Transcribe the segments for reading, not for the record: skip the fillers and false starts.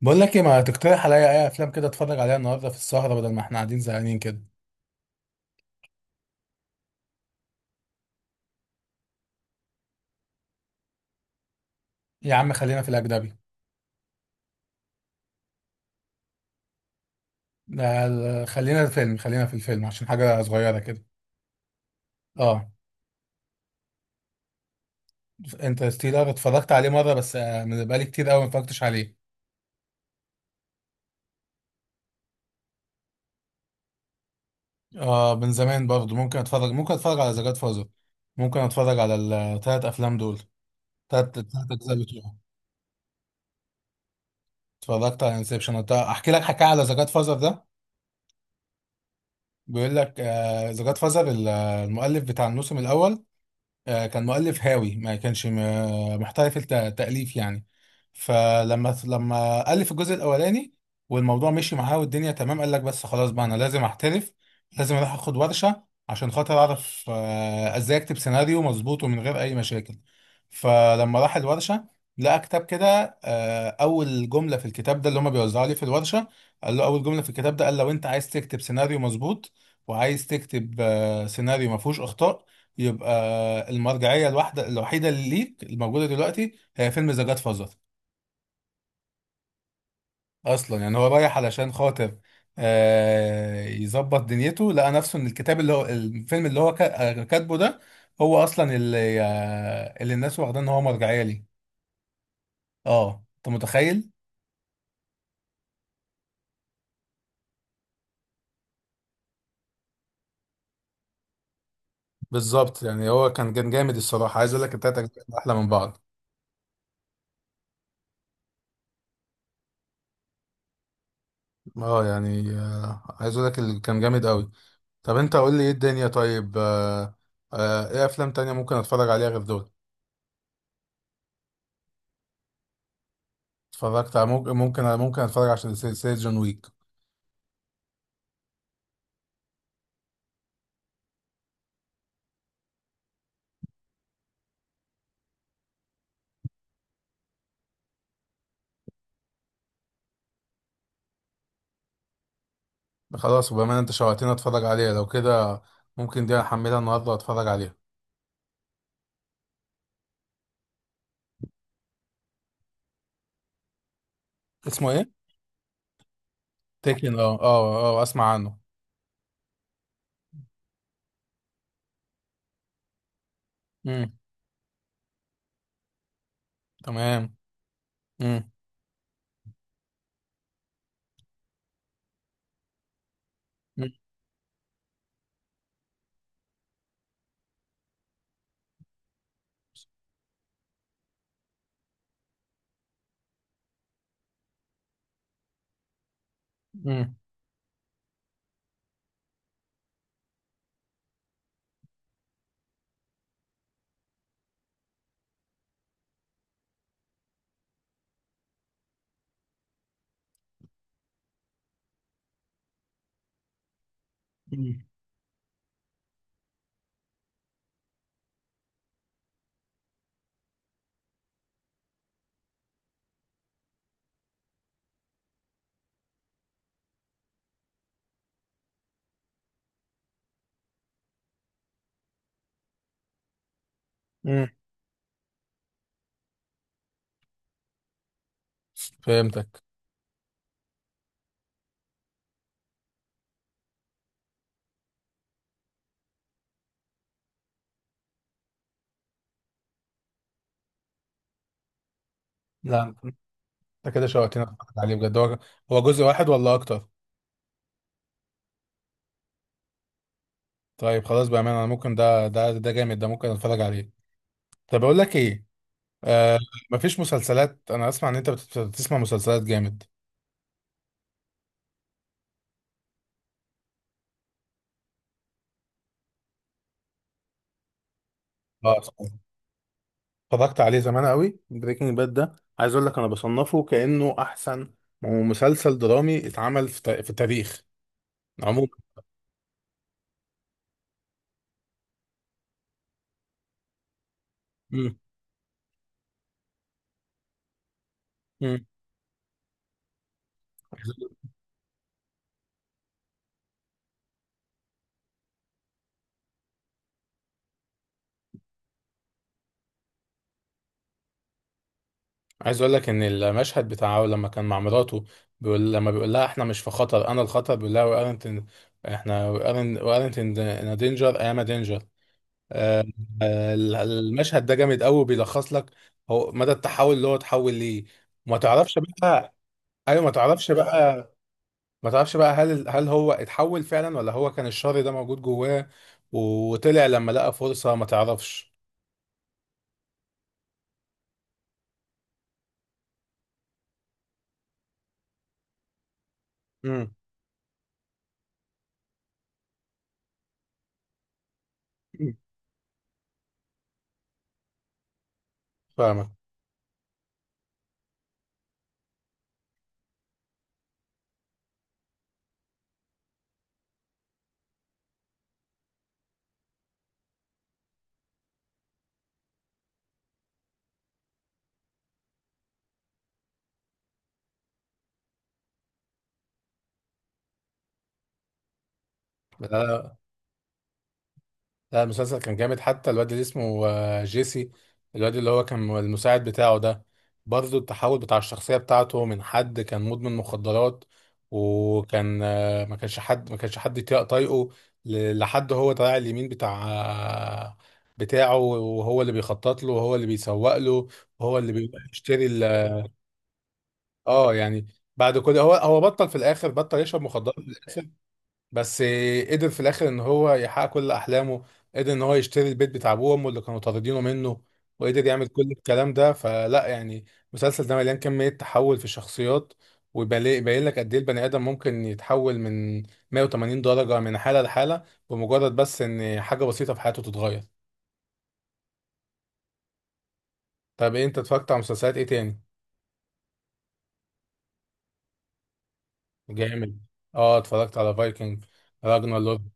بقول لك ايه ما تقترح عليا اي افلام كده اتفرج عليها النهارده في السهره بدل ما احنا قاعدين زهقانين كده؟ يا عم خلينا في الاجنبي. لا لا، خلينا في الفيلم عشان حاجه صغيره كده. اه، انترستيلر اتفرجت عليه مره بس من بقالي كتير قوي ما اتفرجتش عليه. اه، من زمان برضه ممكن اتفرج على ذا جاد فازر. ممكن اتفرج على ال 3 افلام دول. ثلاث اجزاء بتوعه. اتفرجت على انسبشن. احكي لك حكايه على ذا جاد فازر ده. بيقول لك ذا جاد فازر المؤلف بتاع الموسم الاول، كان مؤلف هاوي، ما كانش محترف التأليف يعني. لما ألف الجزء الأولاني والموضوع مشي معاه والدنيا تمام، قال لك بس خلاص بقى أنا لازم أحترف، لازم أروح أخد ورشة عشان خاطر أعرف إزاي أكتب سيناريو مظبوط ومن غير أي مشاكل. فلما راح الورشة لقى كتاب كده، أول جملة في الكتاب ده اللي هما بيوزعوا لي في الورشة، قال له أول جملة في الكتاب ده، قال لو أنت عايز تكتب سيناريو مظبوط وعايز تكتب سيناريو ما فيهوش أخطاء، يبقى المرجعيه الواحده الوحيده اللي ليك الموجوده دلوقتي هي فيلم ذا جاد فازر. اصلا يعني هو رايح علشان خاطر يظبط دنيته، لقى نفسه ان الكتاب اللي هو الفيلم اللي هو كاتبه ده، هو اصلا اللي الناس واخداه ان هو مرجعيه ليه. اه، انت متخيل؟ بالظبط، يعني هو كان جامد الصراحه. عايز اقول لك التلاته كانوا احلى من بعض. اه يعني، عايز اقول لك اللي كان جامد قوي. طب انت قول لي ايه الدنيا، طيب، آه. ايه افلام تانية ممكن اتفرج عليها غير دول؟ اتفرجت على، ممكن اتفرج عشان سلسلة جون ويك. خلاص وبما انت شوقتني اتفرج عليها لو كده، ممكن دي احملها النهارده واتفرج عليها. اسمه ايه؟ تيكن. اه اه اه، اسمع عنه. امم. تمام. امم. امم. امم. فهمتك. لا، انت كده شوقتني اتفرج عليه بجد. هو هو جزء واحد ولا اكتر؟ طيب خلاص بامانه، انا ممكن ده جامد ده ممكن اتفرج عليه. طب اقول لك ايه؟ آه. مفيش مسلسلات؟ انا اسمع ان انت بتسمع مسلسلات جامد. اه، اتفرجت عليه زمان قوي. بريكنج باد ده عايز اقول لك انا بصنفه كانه احسن مسلسل درامي اتعمل في التاريخ عموما. مم. مم. عايز اقول لك ان المشهد بتاعه لما كان مع مراته، بيقول لها احنا مش في خطر، انا الخطر، بيقول لها وارنت، احنا وارنت، ان دينجر، اي ام دينجر. المشهد ده جامد قوي، بيلخص لك هو مدى التحول اللي هو اتحول ليه. ما تعرفش بقى. ايوه، ما تعرفش بقى. ما تعرفش بقى هل هو اتحول فعلا ولا هو كان الشر ده موجود جواه وطلع لما لقى فرصة. ما تعرفش. امم. فاهمك. لا، لا المسلسل كان جامد. حتى الواد اللي اسمه جيسي، الواد اللي هو كان المساعد بتاعه ده، برضه التحول بتاع الشخصية بتاعته من حد كان مدمن مخدرات وكان، ما كانش حد طايقه، لحد هو طالع اليمين بتاع بتاعه، وهو اللي بيخطط له، وهو اللي بيسوق له، وهو اللي بيشتري اه يعني، بعد كل، هو بطل في الاخر، بطل يشرب مخدرات بس. قدر في الاخر ان هو يحقق كل احلامه، قدر ان هو يشتري البيت بتاع ابوه وامه اللي كانوا طاردينه منه، وقدر يعمل كل الكلام ده. فلا يعني، المسلسل ده مليان كمية تحول في الشخصيات، ويبين لك قد ايه البني ادم ممكن يتحول من 180 درجة من حالة لحالة بمجرد بس ان حاجة بسيطة في حياته تتغير. طب إيه، انت اتفرجت على مسلسلات ايه تاني؟ جامد. اه، اتفرجت على فايكنج، راجنر لورد.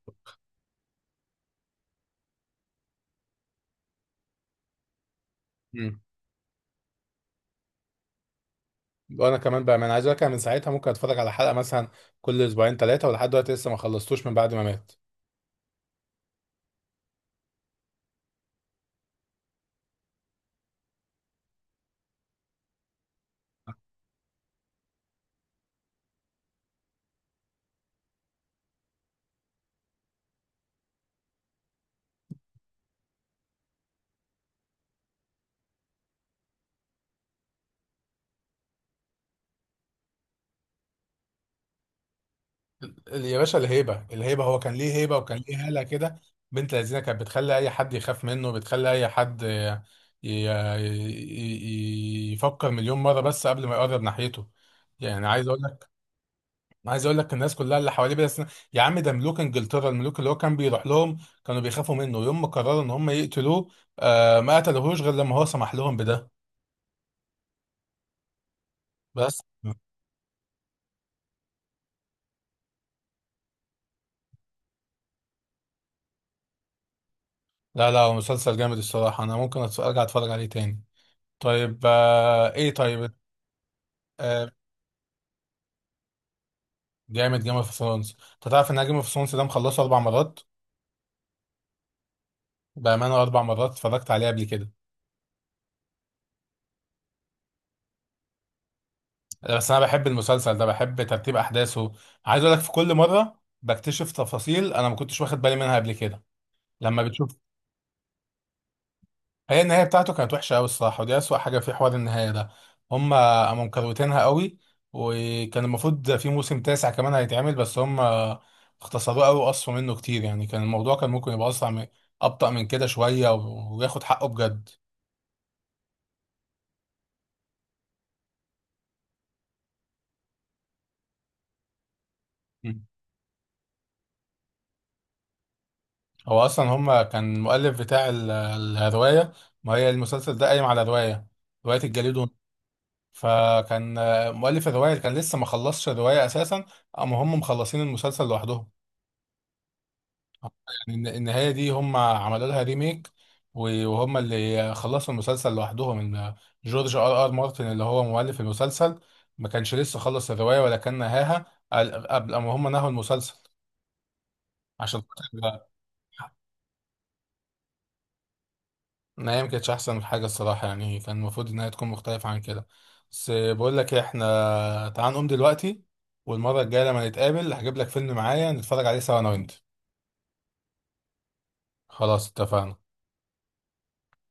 وانا كمان بقى، ما انا عايز اقول لك، أنا من ساعتها ممكن اتفرج على حلقه مثلا كل اسبوعين ثلاثه، ولحد دلوقتي لسه ما خلصتوش من بعد ما مات. يا باشا الهيبه، الهيبه، هو كان ليه هيبه وكان ليه هاله كده. بنت لذينه كانت بتخلي اي حد يخاف منه، بتخلي اي حد ي- يفكر مليون مره بس قبل ما يقرب ناحيته. يعني عايز اقول لك، الناس كلها اللي حواليه بس، يا عم ده ملوك انجلترا، الملوك اللي هو كان بيروح لهم كانوا بيخافوا منه. يوم ما قرروا ان هم يقتلوه، آه، ما قتلوهوش غير لما هو سمح لهم بده. بس، لا لا، هو مسلسل جامد الصراحة، أنا ممكن أرجع أتفرج عليه تاني. طيب، إيه طيب؟ آه. جامد، جيم اوف ثرونز. أنت تعرف إن أنا جيم اوف ثرونز ده مخلصه 4 مرات؟ بأمانة، 4 مرات اتفرجت عليه قبل كده. بس أنا بحب المسلسل ده، بحب ترتيب أحداثه. عايز أقول لك في كل مرة بكتشف تفاصيل أنا ما كنتش واخد بالي منها قبل كده لما بتشوف. هي النهاية بتاعته كانت وحشة أوي الصراحة، ودي أسوأ حاجة في حوار النهاية ده. هما قاموا مكروتينها أوي، وكان المفروض في موسم تاسع كمان هيتعمل، بس هما اختصروه أوي وقصوا منه كتير. يعني كان الموضوع كان ممكن يبقى أسرع من، أبطأ من كده شوية، وياخد حقه بجد. مم. هو أصلا هما كان المؤلف بتاع الرواية، ما هي المسلسل ده قايم على رواية، رواية الجليد والنار. فكان مؤلف الرواية كان لسه ما خلصش الرواية أساسا أما هم مخلصين المسلسل لوحدهم، يعني النهاية دي هم عملوا لها ريميك، وهم اللي خلصوا المسلسل لوحدهم. ان جورج R R مارتن اللي هو مؤلف المسلسل ما كانش لسه خلص الرواية ولا كان نهاها قبل ما هم نهوا المسلسل عشان خاطر. النهاية ما كانتش أحسن حاجة الصراحة، يعني كان المفروض إنها تكون مختلفة عن كده. بس بقول لك إيه، إحنا تعال نقوم دلوقتي، والمرة الجاية لما نتقابل هجيب لك فيلم معايا نتفرج عليه سوا أنا وأنت. خلاص اتفقنا.